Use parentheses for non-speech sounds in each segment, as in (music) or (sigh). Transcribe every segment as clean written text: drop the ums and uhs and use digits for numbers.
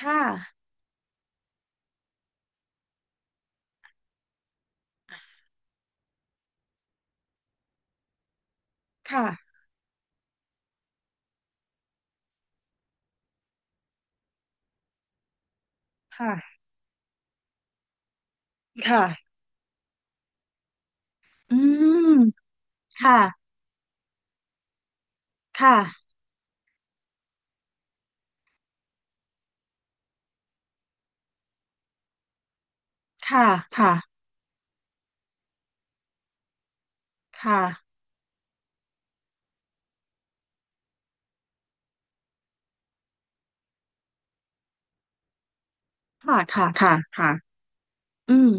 ค่ะค่ะค่ะค่ะอืมค่ะค่ะค่ะค่ะค่ะค่ะค่ะค่ะค่ะอืม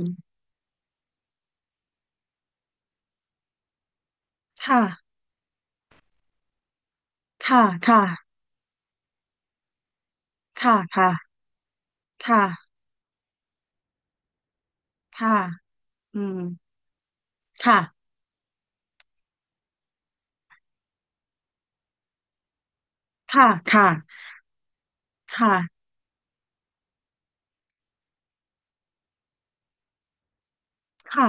ค่ะค่ะค่ะค่ะค่ะค่ะค่ะอืมค่ะค่ะค่ะค่ะค่ะ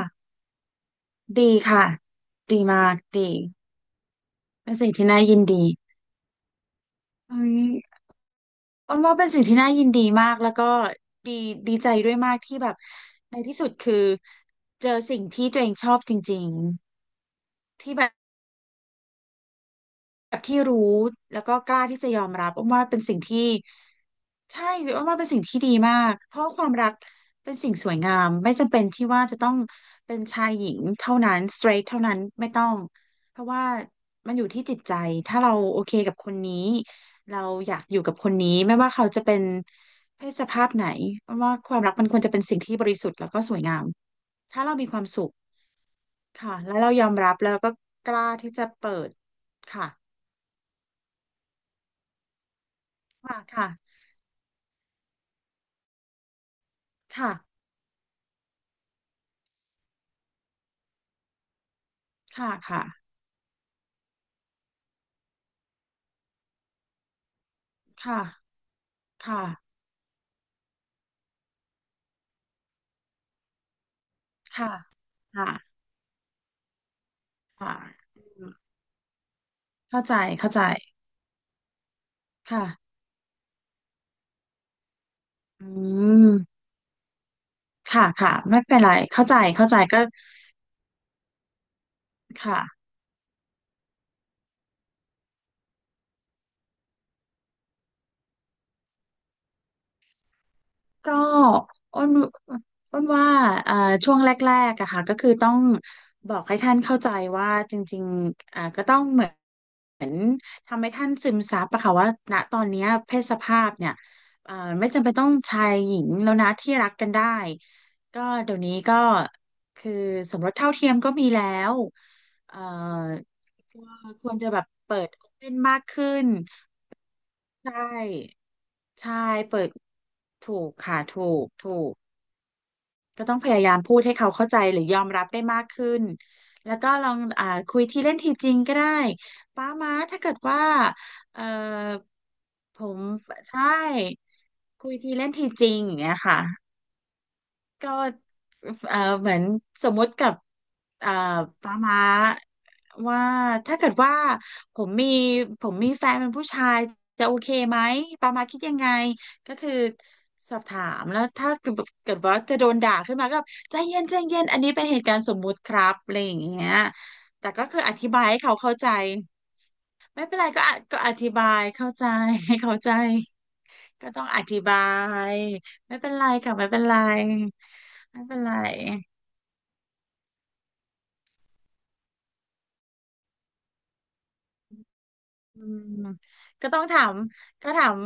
ดีค่ะ ดีมากดี เป็นสิ่งที่น่ายินดีเฮ้ยอ้นว่าเป็นสิ่งที่น่ายินดีมาก แล้วก็ดีดีใจด้วยมากที่แบบในที่สุดคือเจอสิ่งที่ตัวเองชอบจริงๆที่แบบ แบบที่รู้แล้วก็กล้าที่จะยอมรับอ้อมว่าเป็นสิ่งที่ใช่อ้อมว่าเป็นสิ่งที่ดีมากเพราะว่าความรักเป็นสิ่งสวยงามไม่จำเป็นที่ว่าจะต้องเป็นชายหญิงเท่านั้น straight เท่านั้นไม่ต้องเพราะว่ามันอยู่ที่จิตใจถ้าเราโอเคกับคนนี้เราอยากอยู่กับคนนี้ไม่ว่าเขาจะเป็นเพศสภาพไหนอ้อมว่าความรักมันควรจะเป็นสิ่งที่บริสุทธิ์แล้วก็สวยงามถ้าเรามีความสุขค่ะแล้วเรายอมรับแล้วก็กล้าที่จะเปิดค่ะค่ะค่ะ ค่ะค่ะค่ะค่ะค่ะค่ะค่ะค่ะอืมเข้าใจ เข้าใจค่ะอืมค่ะค่ะไม่เป็นไร เข้าใจเข้าใจก็ค่ะ ก็อ้นอ้นว่าเอ่อช่วงแรกๆอะค่ะก็คือต้องบอกให้ท่านเข้าใจว่าจริงๆอ่าก็ต้องเหมือน เหมือนทำให้ท่านซึมซับอะค่ะว่าณตอนเนี้ยเพศสภาพเนี่ยเอ่อไม่จำเป็นต้องชายหญิงแล้วนะที่รักกันได้ก็เดี๋ยวนี้ก็คือสมรสเท่าเทียมก็มีแล้วเอ่อก็ควรจะแบบเปิดโอเพ่นมากขึ้นใช่ใช่เปิดถูกค่ะถูกถูก ก็ต้องพยายามพูดให้เขาเข้าใจหรือยอมรับได้มากขึ้น แล้วก็ลองอ่าคุยทีเล่นทีจริงก็ได้ป้าม้าถ้าเกิดว่าเออผมใช่คุยทีเล่นทีจริงอย่างเงี้ยค่ะก็ เหมือนสมมติกับเอ่อป้าม้าว่าถ้าเกิดว่าผมมีผมมีแฟนเป็นผู้ชายจะโอเคไหมป้าม้าคิดยังไงก็คือสอบถามแล้วถ้าเกิดเกิดว่าจะโดนด่าขึ้นมาก็แบบใจเย็นใจเย็นอันนี้เป็นเหตุการณ์สมมุติครับอะไรอย่างเงี้ยแต่ก็คืออธิบายให้เขาเข้าใจไม่เป็นไรก็อะก็อธิบายเข้าใจให้เข้าใจก็ต้องอธิบายไม่เป็นไรค่ะไม่เป็นไรไม่เป็นไร อืมก็ต้องถามก็ถาม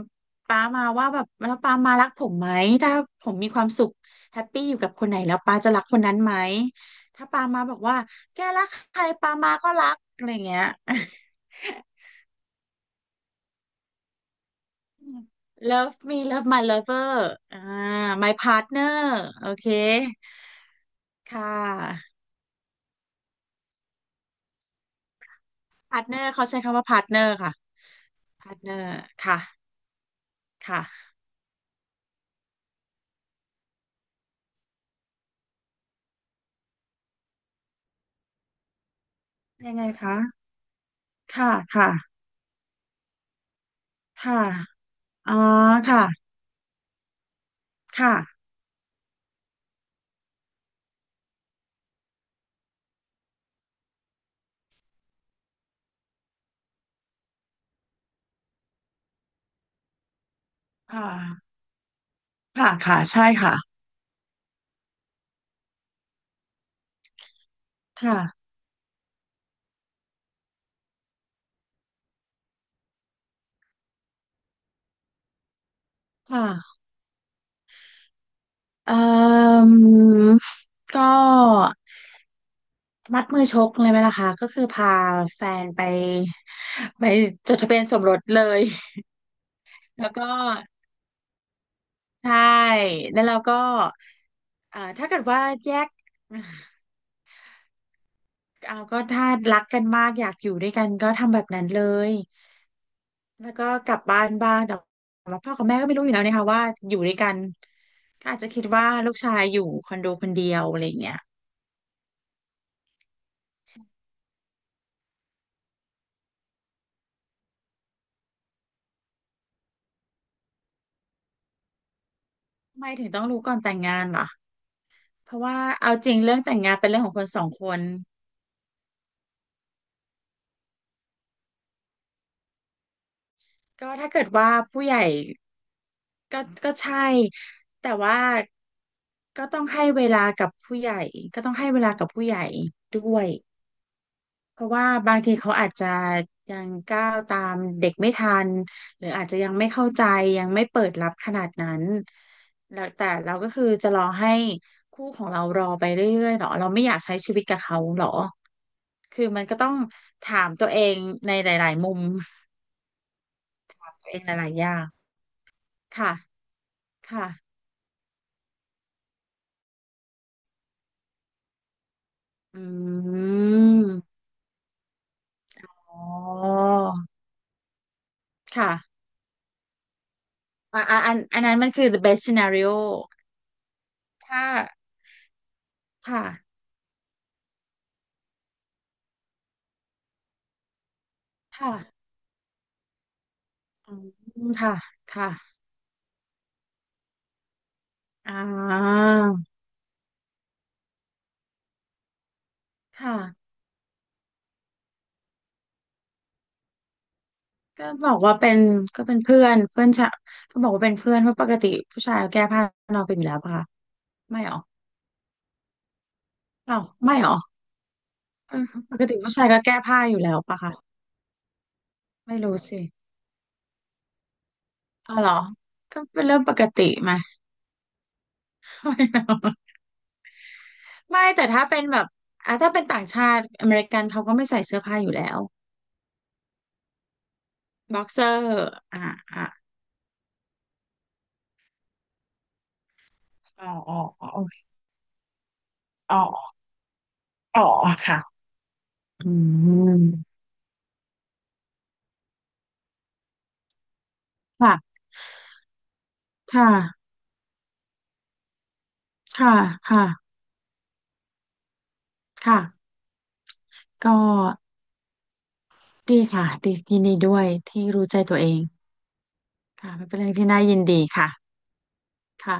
ป้ามาว่าแบบแล้วป้ามารักผมไหมถ้าผมมีความสุขแฮปปี้อยู่กับคนไหนแล้วป้าจะรักคนนั้นไหมถ้าป้ามาบอกว่าแกรักใครป้ามาก็รักอะไรเงี้ย (laughs) Love me love my lover อ่า my partner โอเคค่ะ partner เขาใช้คำว่า partner ค่ะ partner ค่ะค่ะยังไงคะค่ะค่ะค่ะอ๋อค่ะค่ะค่ะ ค่ะค่ะใช่ค่ะค่ะค่ะเอ่อก็มัดมือชกเลยไหมล่ะคะก็คือพาแฟนไปไปจดทะเบียนสมรสเลย (laughs) แล้วก็ใช่แล้วเราก็ถ้าเกิดว่าแยก (laughs) เอาก็ถ้ารักกันมากอยากอยู่ด้วยกันก็ทำแบบนั้นเลยแล้วก็กลับบ้านบ้างแต่ว่าพ่อกับแม่ก็ไม่รู้อยู่แล้วนะคะว่าอยู่ด้วยกันก็อาจจะคิดว่าลูกชายอยู่คอนโดคนเดียวอะไรอย่างเงี้ย ทำไมถึงต้องรู้ก่อนแต่งงานล่ะเพราะว่าเอาจริงเรื่องแต่งงานเป็นเรื่องของคนสองคนก็ถ้าเกิดว่าผู้ใหญ่ก็ก็ใช่ แต่ว่าก็ต้องให้เวลากับผู้ใหญ่ก็ต้องให้เวลากับผู้ใหญ่ด้วยเพราะว่าบางทีเขาอาจจะยังก้าวตามเด็กไม่ทันหรืออาจจะยังไม่เข้าใจยังไม่เปิดรับขนาดนั้นแล้วแต่เราก็คือจะรอให้คู่ของเรารอไปเรื่อยๆหรอเราไม่อยากใช้ชีวิตกับเขาหรอ คือมันก็ต้องถามตัวเองในหลายๆมุม (laughs) ตัวเองหลายๆอย่างค่ะ ค่ะ อืมอ๋อค่ะอ่ะอ่ะอันอันนั้นมันคือ the best scenario ถ้า ค่ะค่ะอืมค่ะค่ะอ่าค่ะ ก็บอกว่าเป็นก็เป็นเพื่อนเพื่อนชะก็บอกว่าเป็นเพื่อนเพราะปกติผู้ชายก็แก้ผ้านอนกันอยู่แล้วปะคะไม่หรออ้าวไม่หรอปกติผู้ชายก็แก้ผ้าอยู่แล้วปะคะไม่รู้สิ เอาเหรอก็เป็นเรื่องปกติมาไม่เอา (laughs) ไม่แต่ถ้าเป็นแบบอ่ะถ้าเป็นต่างชาติอเมริกันเขาก็ไม่ใส่เสื้อผ้าอยู่แล้วบ็อกเซอร์อ่ะอ่ะอ๋ออ๋ออ๋อโอเคอ๋ออ๋อค่ะอืมค่ะค่ะค่ะค่ะค่ะก็ดีค่ะดียินดีด้วยที่รู้ใจตัวเองค่ะมันเป็นเรื่องที่น่ายินดีค่ะค่ะ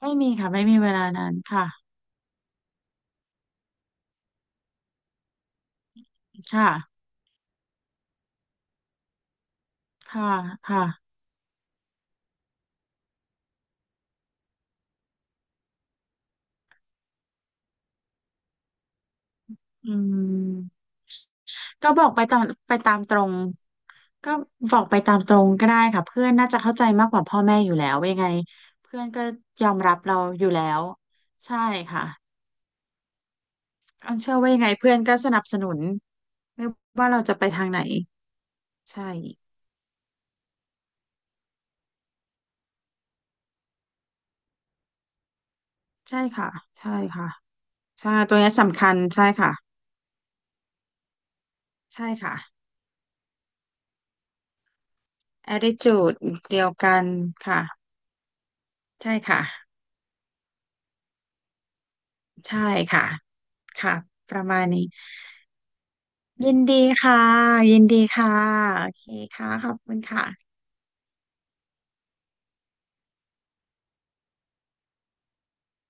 ไม่มีค่ะไม่มีเวลานั้นค่ะค่ะค่ะค่ะอืมก็บอกไปตามไปตามตรง ก็บอกไปตามตรงก็ได้ค่ะเพื่อนน่าจะเข้าใจมากกว่าพ่อแม่อยู่แล้วว่ายังไงเพื่อนก็ยอมรับเราอยู่แล้วใช่ค่ะอันเชื่อว่ายังไงเพื่อนก็สนับสนุนไม่ว่าเราจะไปทางไหนใช่ใช่ค่ะใช่ค่ะใช่ตัวเนี้ยสำคัญใช่ค่ะใช่ค่ะ attitude เดียวกันค่ะใช่ค่ะใช่ค่ะค่ะประมาณนี้ยินดีค่ะยินดีค่ะโอเคค่ะขอบคุณค่ะ